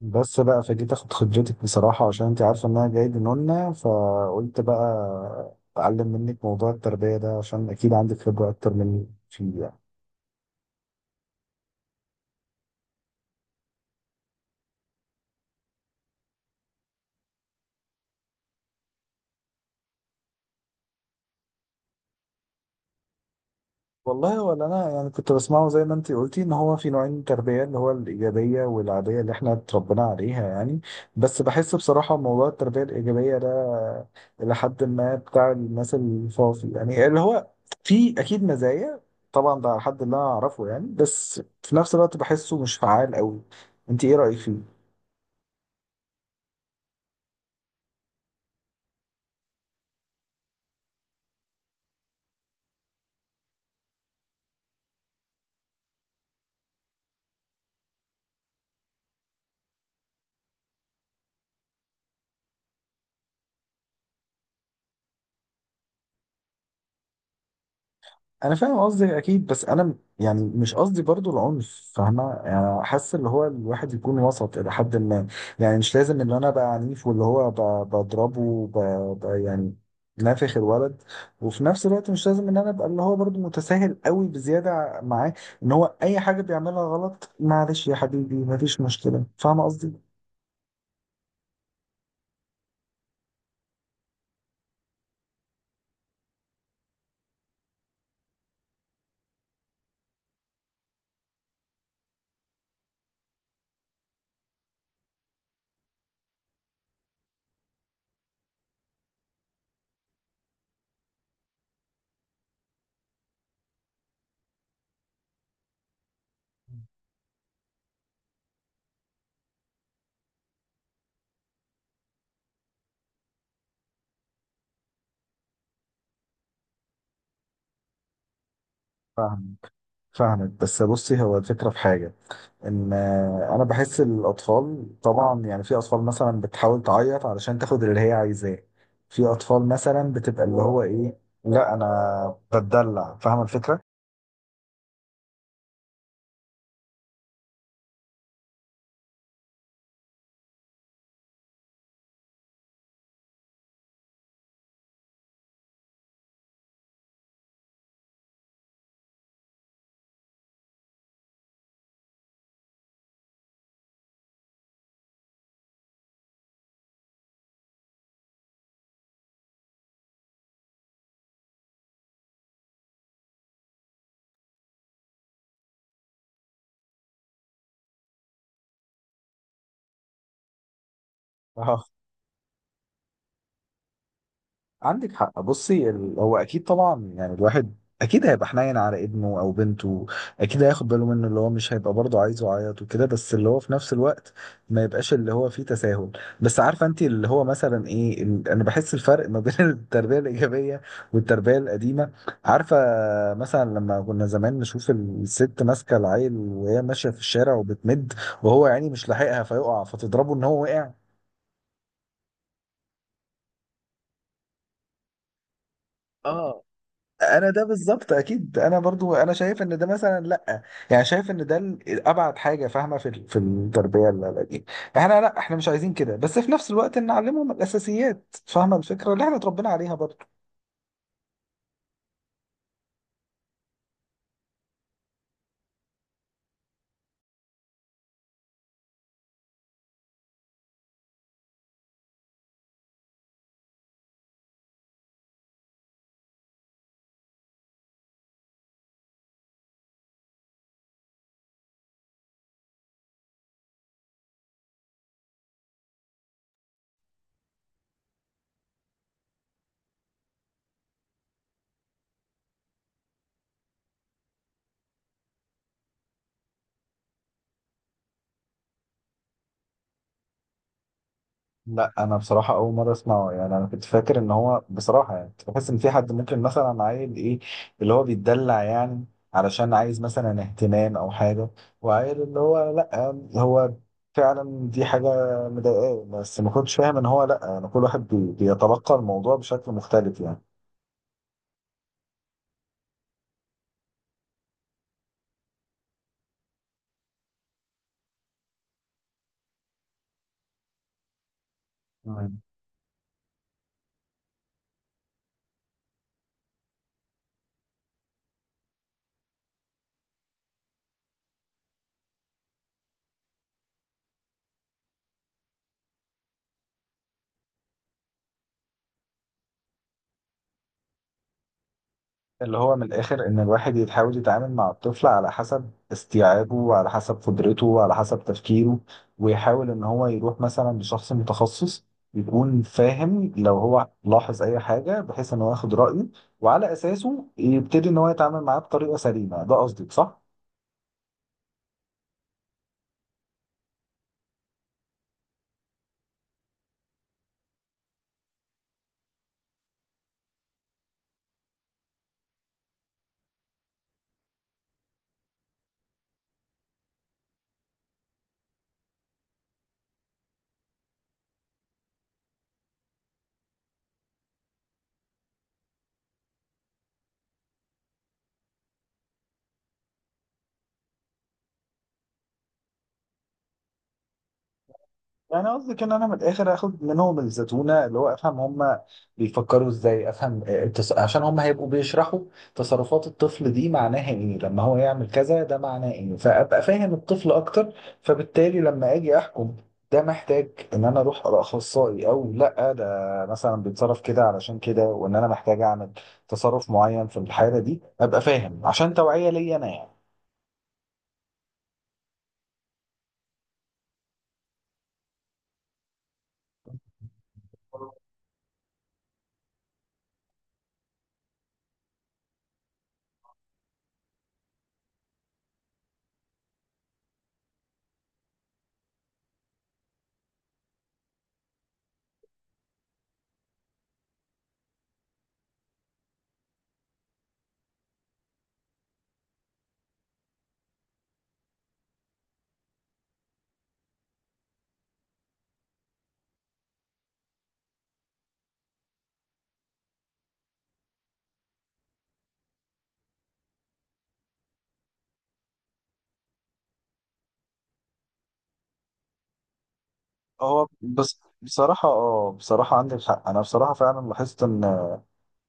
بس بقى فجيت اخد خبرتك بصراحة، عشان انت عارفة ان انا جاي لنونا، فقلت بقى اتعلم منك موضوع التربية ده، عشان اكيد عندك خبرة اكتر مني فيه يعني. والله، ولا انا يعني كنت بسمعه زي ما انت قلتي ان هو في نوعين تربيه، اللي هو الايجابيه والعاديه اللي احنا اتربينا عليها يعني. بس بحس بصراحه موضوع التربيه الايجابيه ده الى حد ما بتاع الناس الفاضي، يعني اللي هو في اكيد مزايا. طبعا ده على حد اللي انا اعرفه يعني، بس في نفس الوقت بحسه مش فعال قوي. انت ايه رايك فيه؟ انا فاهم قصدك اكيد، بس انا يعني مش قصدي برضو العنف، فاهمه، يعني حاسس اللي هو الواحد يكون وسط الى حد ما. يعني مش لازم ان انا ابقى عنيف، واللي هو بضربه يعني نافخ الولد. وفي نفس الوقت مش لازم ان انا ابقى اللي هو برضو متساهل قوي بزياده معاه، ان هو اي حاجه بيعملها غلط معلش يا حبيبي مفيش مشكله، فاهمه قصدي. فاهم. فاهمك، بس بصي هو الفكره في حاجه، ان انا بحس الاطفال طبعا، يعني في اطفال مثلا بتحاول تعيط علشان تاخد اللي هي عايزاه. في اطفال مثلا بتبقى اللي هو ايه، لا انا بتدلع، فاهم الفكره. عندك حق. بصي هو اكيد طبعا يعني الواحد اكيد هيبقى حنين على ابنه او بنته، اكيد هياخد باله منه، اللي هو مش هيبقى برضه عايزه يعيط وكده، بس اللي هو في نفس الوقت ما يبقاش اللي هو فيه تساهل. بس عارفه انت اللي هو مثلا ايه، انا بحس الفرق ما بين التربيه الايجابيه والتربيه القديمه، عارفه، مثلا لما كنا زمان نشوف الست ماسكه العيل وهي ماشيه في الشارع وبتمد، وهو يعني مش لاحقها فيقع، فتضربه ان هو وقع. اه، انا ده بالظبط، اكيد انا برضو انا شايف ان ده مثلا لا. يعني شايف ان ده ابعد حاجه فاهمه في في التربيه دي. احنا لا، احنا مش عايزين كده، بس في نفس الوقت نعلمهم الاساسيات، فاهمه الفكره اللي احنا اتربينا عليها برضو. لا، انا بصراحه اول مره اسمعه، يعني انا كنت فاكر ان هو بصراحه، يعني كنت بحس ان في حد ممكن مثلا عيل ايه اللي هو بيتدلع، يعني علشان عايز مثلا اهتمام او حاجه، وعيل اللي هو لا، هو فعلا دي حاجه مضايقاه، بس ما كنتش فاهم ان هو لا، يعني كل واحد بيتلقى الموضوع بشكل مختلف. يعني اللي هو من الآخر إن الواحد يحاول يتعامل مع الطفل على حسب استيعابه وعلى حسب قدرته وعلى حسب تفكيره، ويحاول إن هو يروح مثلا لشخص متخصص يكون فاهم، لو هو لاحظ أي حاجة، بحيث إن هو ياخد رأيه وعلى أساسه يبتدي إن هو يتعامل معاه بطريقة سليمة. ده قصدك صح؟ يعني قصدك ان انا من الاخر اخد منهم الزتونه، اللي هو افهم هم بيفكروا ازاي، افهم، عشان هم هيبقوا بيشرحوا تصرفات الطفل دي معناها ايه، لما هو يعمل كذا ده معناه ايه، فابقى فاهم الطفل اكتر. فبالتالي لما اجي احكم، ده محتاج ان انا اروح لاخصائي، او لا ده مثلا بيتصرف كده علشان كده، وان انا محتاج اعمل تصرف معين في الحاله دي، ابقى فاهم عشان توعيه ليا انا يعني. هو بس بصراحة، اه بصراحة عندك حق، أنا بصراحة فعلا لاحظت إن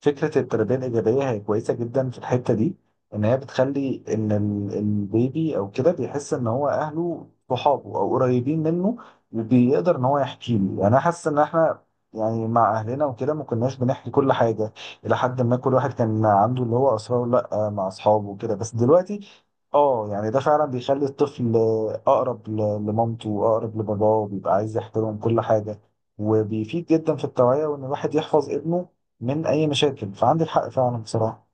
فكرة التربية الإيجابية هي كويسة جدا في الحتة دي، إن هي بتخلي إن البيبي أو كده بيحس إن هو أهله صحابه أو قريبين منه، وبيقدر إن هو يحكي له. يعني أنا حاسس إن إحنا يعني مع أهلنا وكده ما كناش بنحكي كل حاجة، إلى حد ما كل واحد كان عنده اللي هو أسراره، لأ مع أصحابه وكده، بس دلوقتي اه يعني ده فعلا بيخلي الطفل اقرب لمامته واقرب لباباه، وبيبقى عايز يحترم كل حاجه، وبيفيد جدا في التوعيه، وان الواحد يحفظ ابنه من اي مشاكل. فعندك حق فعلا بصراحه.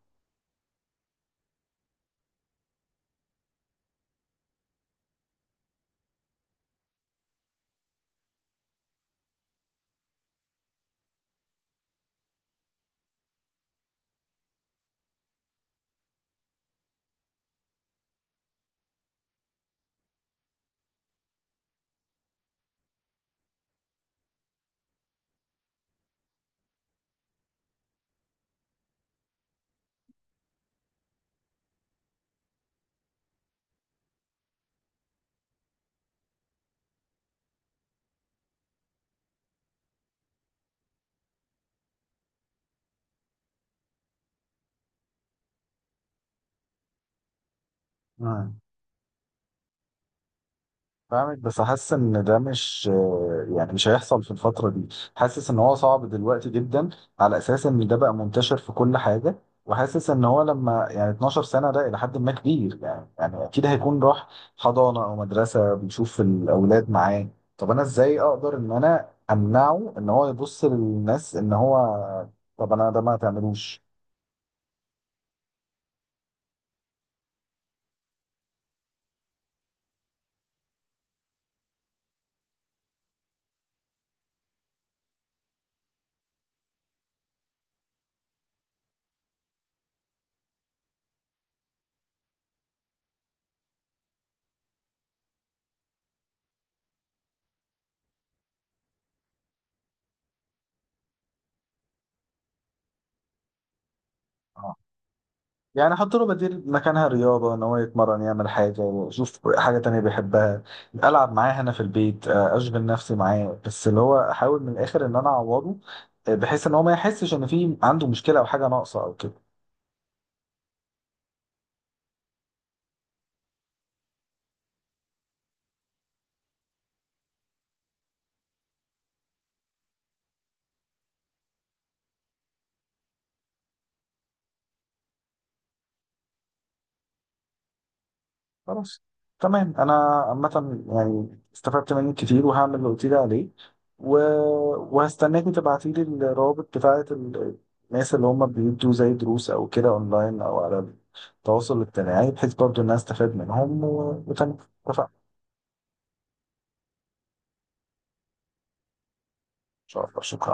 آه. فاهمك، بس حاسس ان ده مش، يعني مش هيحصل في الفتره دي، حاسس ان هو صعب دلوقتي جدا، على اساس ان ده بقى منتشر في كل حاجه. وحاسس ان هو لما يعني 12 سنه، ده الى حد ما كبير يعني اكيد هيكون راح حضانه او مدرسه بيشوف الاولاد معاه. طب انا ازاي اقدر ان انا امنعه ان هو يبص للناس ان هو، طب انا ده ما تعملوش. يعني حط له بديل مكانها رياضة، إن هو يتمرن، يعمل حاجة، يشوف حاجة تانية بيحبها، ألعب معاه هنا في البيت، أشغل نفسي معاه، بس اللي هو أحاول من الآخر إن أنا أعوضه، بحيث إن هو ما يحسش إن في عنده مشكلة أو حاجة ناقصة أو كده. خلاص، تمام. انا عامه يعني استفدت منك كتير، وهعمل اللي قلت لي عليه، و... وهستناكي تبعتي لي الروابط بتاعه الناس اللي هم بيدوا زي دروس او كده اونلاين او على التواصل الاجتماعي، بحيث برضو الناس تستفاد منهم، وتمام، اتفقنا. ان شاء الله، شكرا.